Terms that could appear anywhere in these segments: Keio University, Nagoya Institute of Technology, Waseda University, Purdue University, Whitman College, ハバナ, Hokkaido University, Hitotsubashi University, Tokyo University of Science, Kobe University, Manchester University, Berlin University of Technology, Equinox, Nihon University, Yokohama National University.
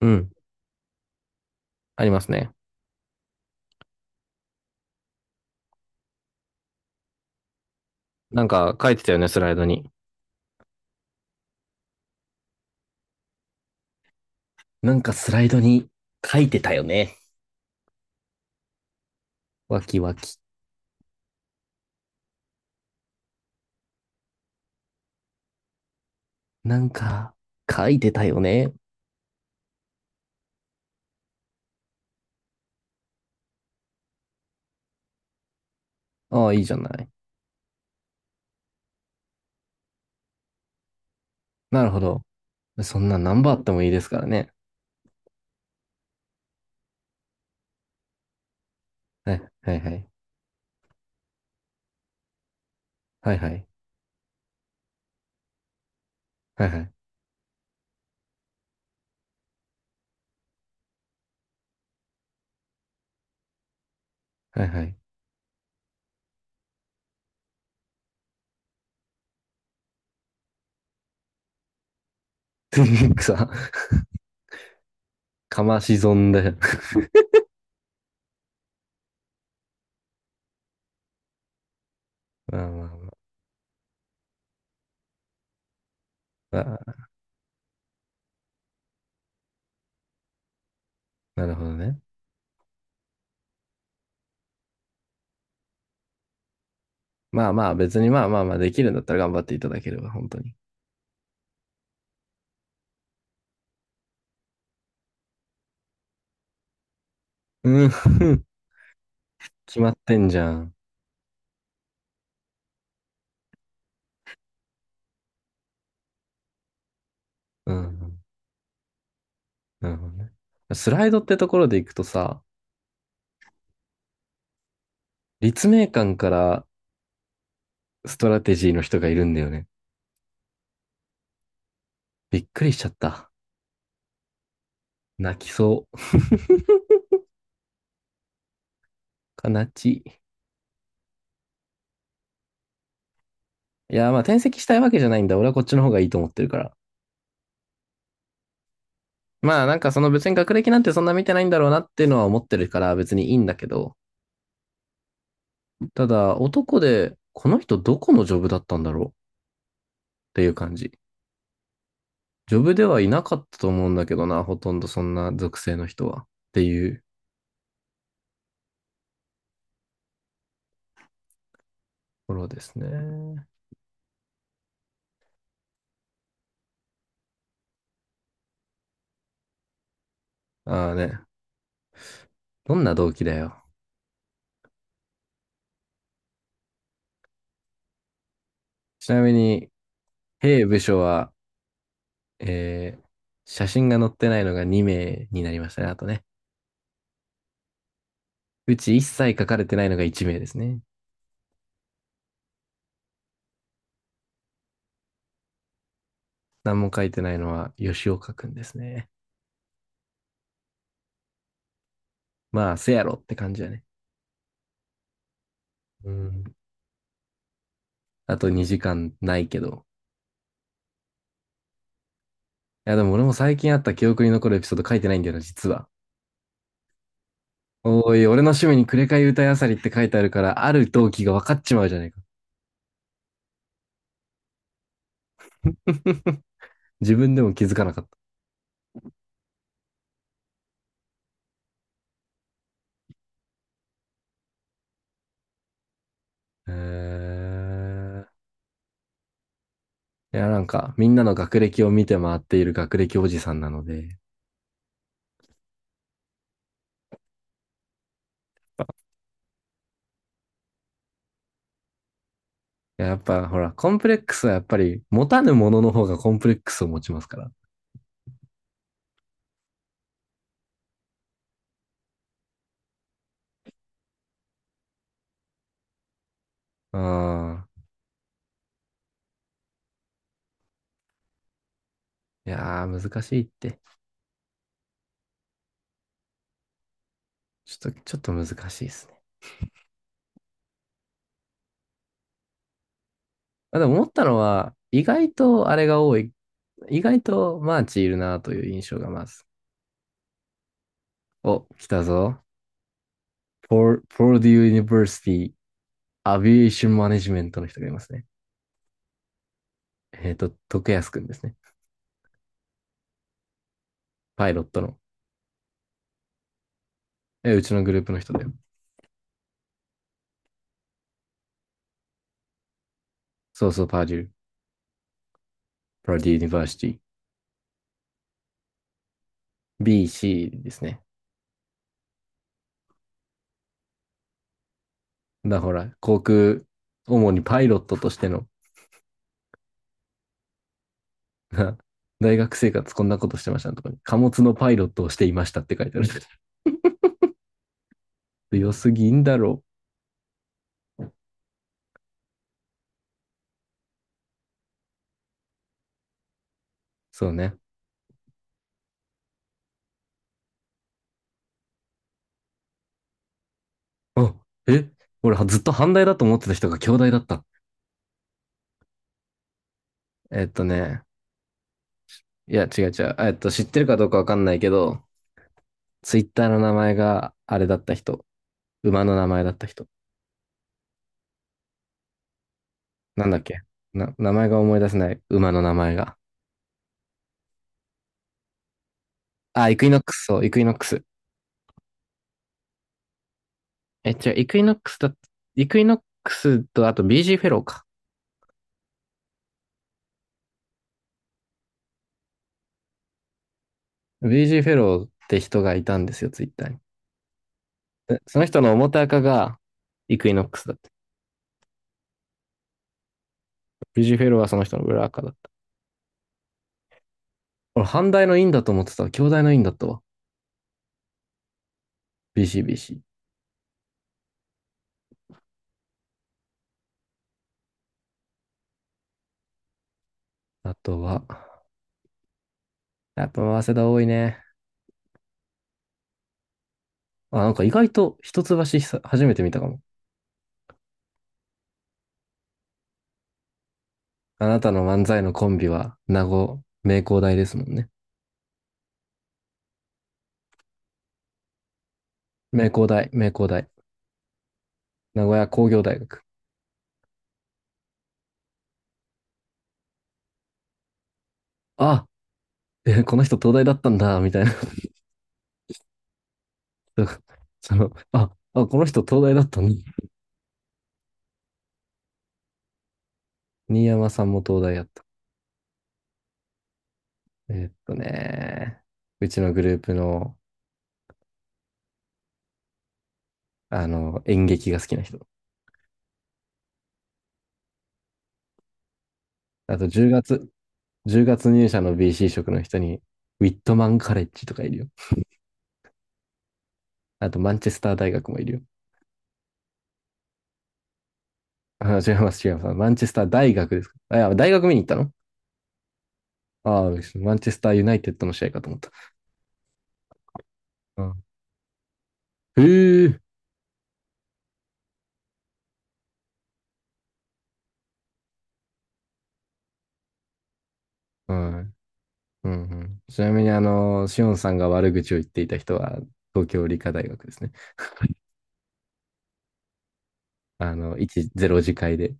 うん。ありますね。なんか書いてたよね、スライドに。なんかスライドに書いてたよね。わきわき。なんか書いてたよね。ああ、いいじゃない。なるほど。そんな何番あってもいいですからね。はい、はい、はい。はい、はい。はい、はい。はい、はい。さ、かまし損だよ。まあまあまあ、なるほどね。まあまあ、別にできるんだったら頑張っていただければ、本当に。うん。決まってんじゃん。うん、なるほどね。スライドってところでいくとさ、立命館からストラテジーの人がいるんだよね。びっくりしちゃった。泣きそう。悲ちい。いや、まあ転籍したいわけじゃないんだ。俺はこっちの方がいいと思ってるから。まあ、なんかその別に学歴なんてそんな見てないんだろうなっていうのは思ってるから別にいいんだけど、ただ男でこの人どこのジョブだったんだろうっていう感じ。ジョブではいなかったと思うんだけどな、ほとんどそんな属性の人は。っていうところですね。ああね。どんな動機だよ。ちなみに、兵部署はえー写真が載ってないのが2名になりましたね。あとね。うち一切書かれてないのが1名ですね。何も書いてないのは吉岡くんですね。まあ、せやろって感じやね。うん。あと2時間ないけど。いや、でも俺も最近あった記憶に残るエピソード書いてないんだよな、実は。おい、俺の趣味にくれかい歌いあさりって書いてあるから、ある動機が分かっちまうじゃないか。自分でも気づかなかった。えいや、なんか、みんなの学歴を見て回っている学歴おじさんなので、いややっぱほら、コンプレックスはやっぱり持たぬものの方がコンプレックスを持ちますから。うん。いやー、難しいって。ちょっと、ちょっと難しいですね。あ、でも思ったのは、意外とあれが多い。意外とマーチいるなという印象がまず。お、来たぞ。ポーデュー・ユニバーシティ・アビエーション・マネジメントの人がいますね。えっと、徳安くんですね。パイロットの。え、うちのグループの人だよ。そうそう、パーデュー。パーデュー・ユニバーシティ。BC ですね。だほら、航空、主にパイロットとしての、大学生活こんなことしてましたとかに、貨物のパイロットをしていましたって書いてある。良すぎんだろう。そうね。あ、え俺ずっと反対だと思ってた人が兄弟だった。えっとね、いや違う違う。えっと、知ってるかどうかわかんないけど、ツイッターの名前があれだった人。馬の名前だった人。なんだっけな、名前が思い出せない。馬の名前が。あ、イクイノックス、そう、イクイノックス。え、違う、イクイノックスと、あと BG フェローか。BG フェローって人がいたんですよ、ツイッターに。でその人の表赤がイクイノックスだった。BG フェローはその人の裏赤だった。俺、反対の院だと思ってたわ。兄弟の院だったわ。BCBC。あとは、やっぱ、早稲田多いね。あ、なんか意外と一橋久初めて見たかも。あなたの漫才のコンビは、名工大ですもんね。名工大。名古屋工業大学。あ、え、この人東大だったんだ、みたいな。だからその、この人東大だったのに新山さんも東大やった。ね、うちのグループの、あの、演劇が好きな人。あと10月、10月入社の BC 職の人に、ウィットマンカレッジとかいるよ。あと、マンチェスター大学もいるよ。あ、違います、違います。マンチェスター大学ですか。あ、いや、大学見に行ったの、ああ、マンチェスターユナイテッドの試合かと思った。うん、へえ、うんうん、ちなみに、あの、しおんさんが悪口を言っていた人は、東京理科大学ですね。あの、1、0次会で。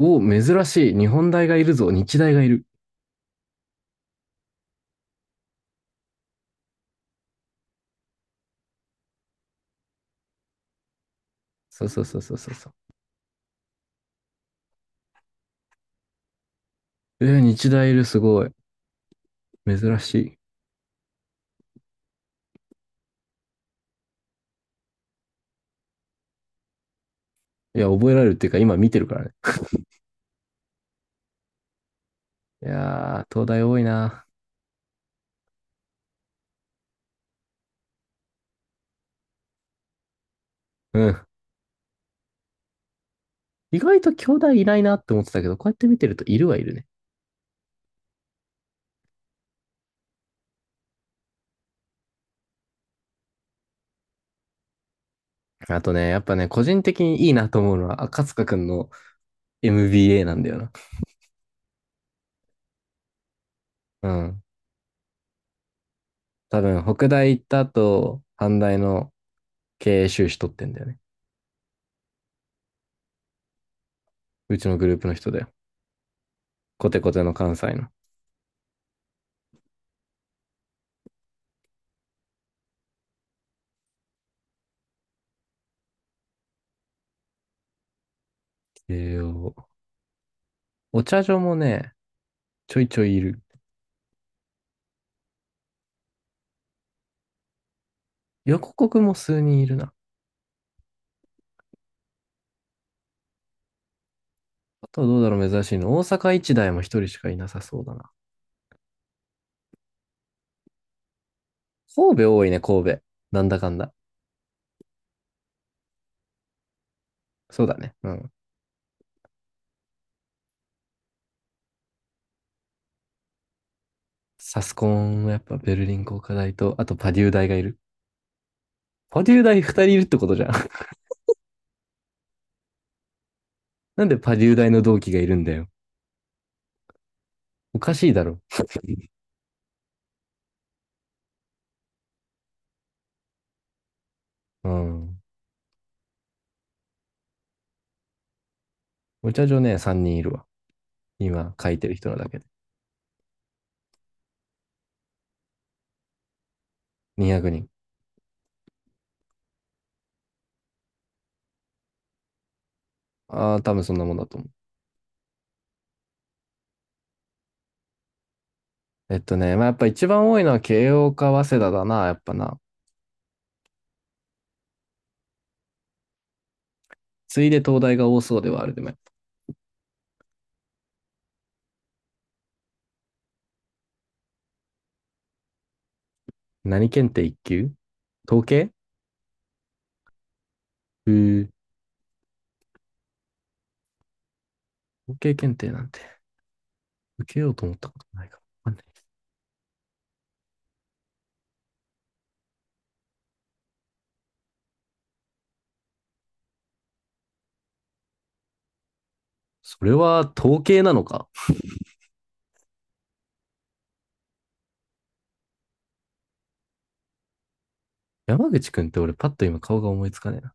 お、珍しい。日本大がいるぞ。日大がいる。そうそうそうそうそうそう。えー、日大いる。すごい。珍しい。いや、覚えられるっていうか、今見てるからね。いやー、東大多いな。うん。意外と京大いないなって思ってたけど、こうやって見てるといるはいるね。あとね、やっぱね、個人的にいいなと思うのは、赤塚くんの MBA なんだよな。うん。多分、北大行った後、阪大の経営修士取ってんだよね。うちのグループの人だよ。コテコテの関西の。経営、お茶所もね、ちょいちょいいる。横国も数人いるな。あとはどうだろう、珍しいの。大阪一大も一人しかいなさそうだな。神戸多いね、神戸。なんだかんだ。そうだね。うん。サスコンもやっぱベルリン工科大と、あとパデュー大がいる。パデュー大二人いるってことじゃん。なんでパデュー大の同期がいるんだよ。おかしいだろ。うん。お茶所ね、三人いるわ。今書いてる人のだけで。200人。ああ、多分そんなもんだと思う。えっとね、まあ、やっぱ一番多いのは慶応か早稲田だな、やっぱな。ついで東大が多そうではあるでも。何検定1級？統計？うー、統計検定なんて受けようと思ったことないかもかんない。それは統計なのか？山口くんって俺パッと今顔が思いつかねえな。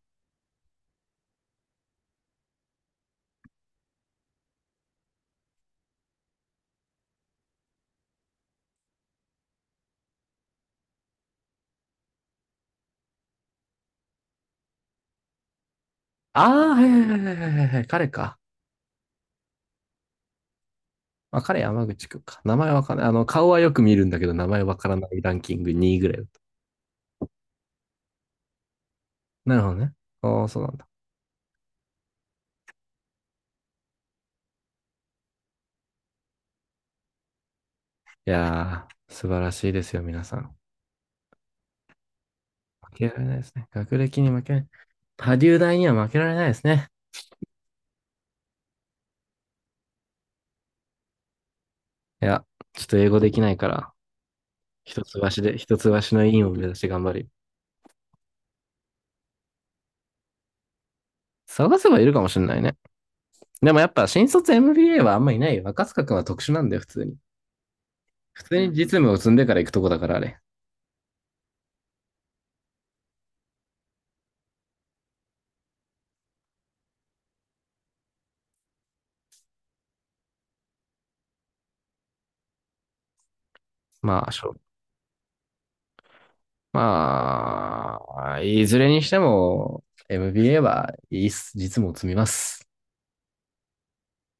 ああ、はいはいはいはいはい、彼か。まあ、彼山口くんか。名前わかんない。あの、顔はよく見るんだけど、名前わからないランキング2位ぐらいだった。なるほどね。ああ、そうなんだ。いやー、素晴らしいですよ、皆さん。負けられないですね。学歴に負けない。波竜大には負けられないですね。いや、ちょっと英語できないから、一橋の委員を目指して頑張る。探せばいるかもしれないね。でもやっぱ新卒 MBA はあんまいないよ。若塚くんは特殊なんだよ、普通に。普通に実務を積んでから行くとこだからあれ。まあ、しょまあ、いずれにしても MBA はいいっす。実務を積みます。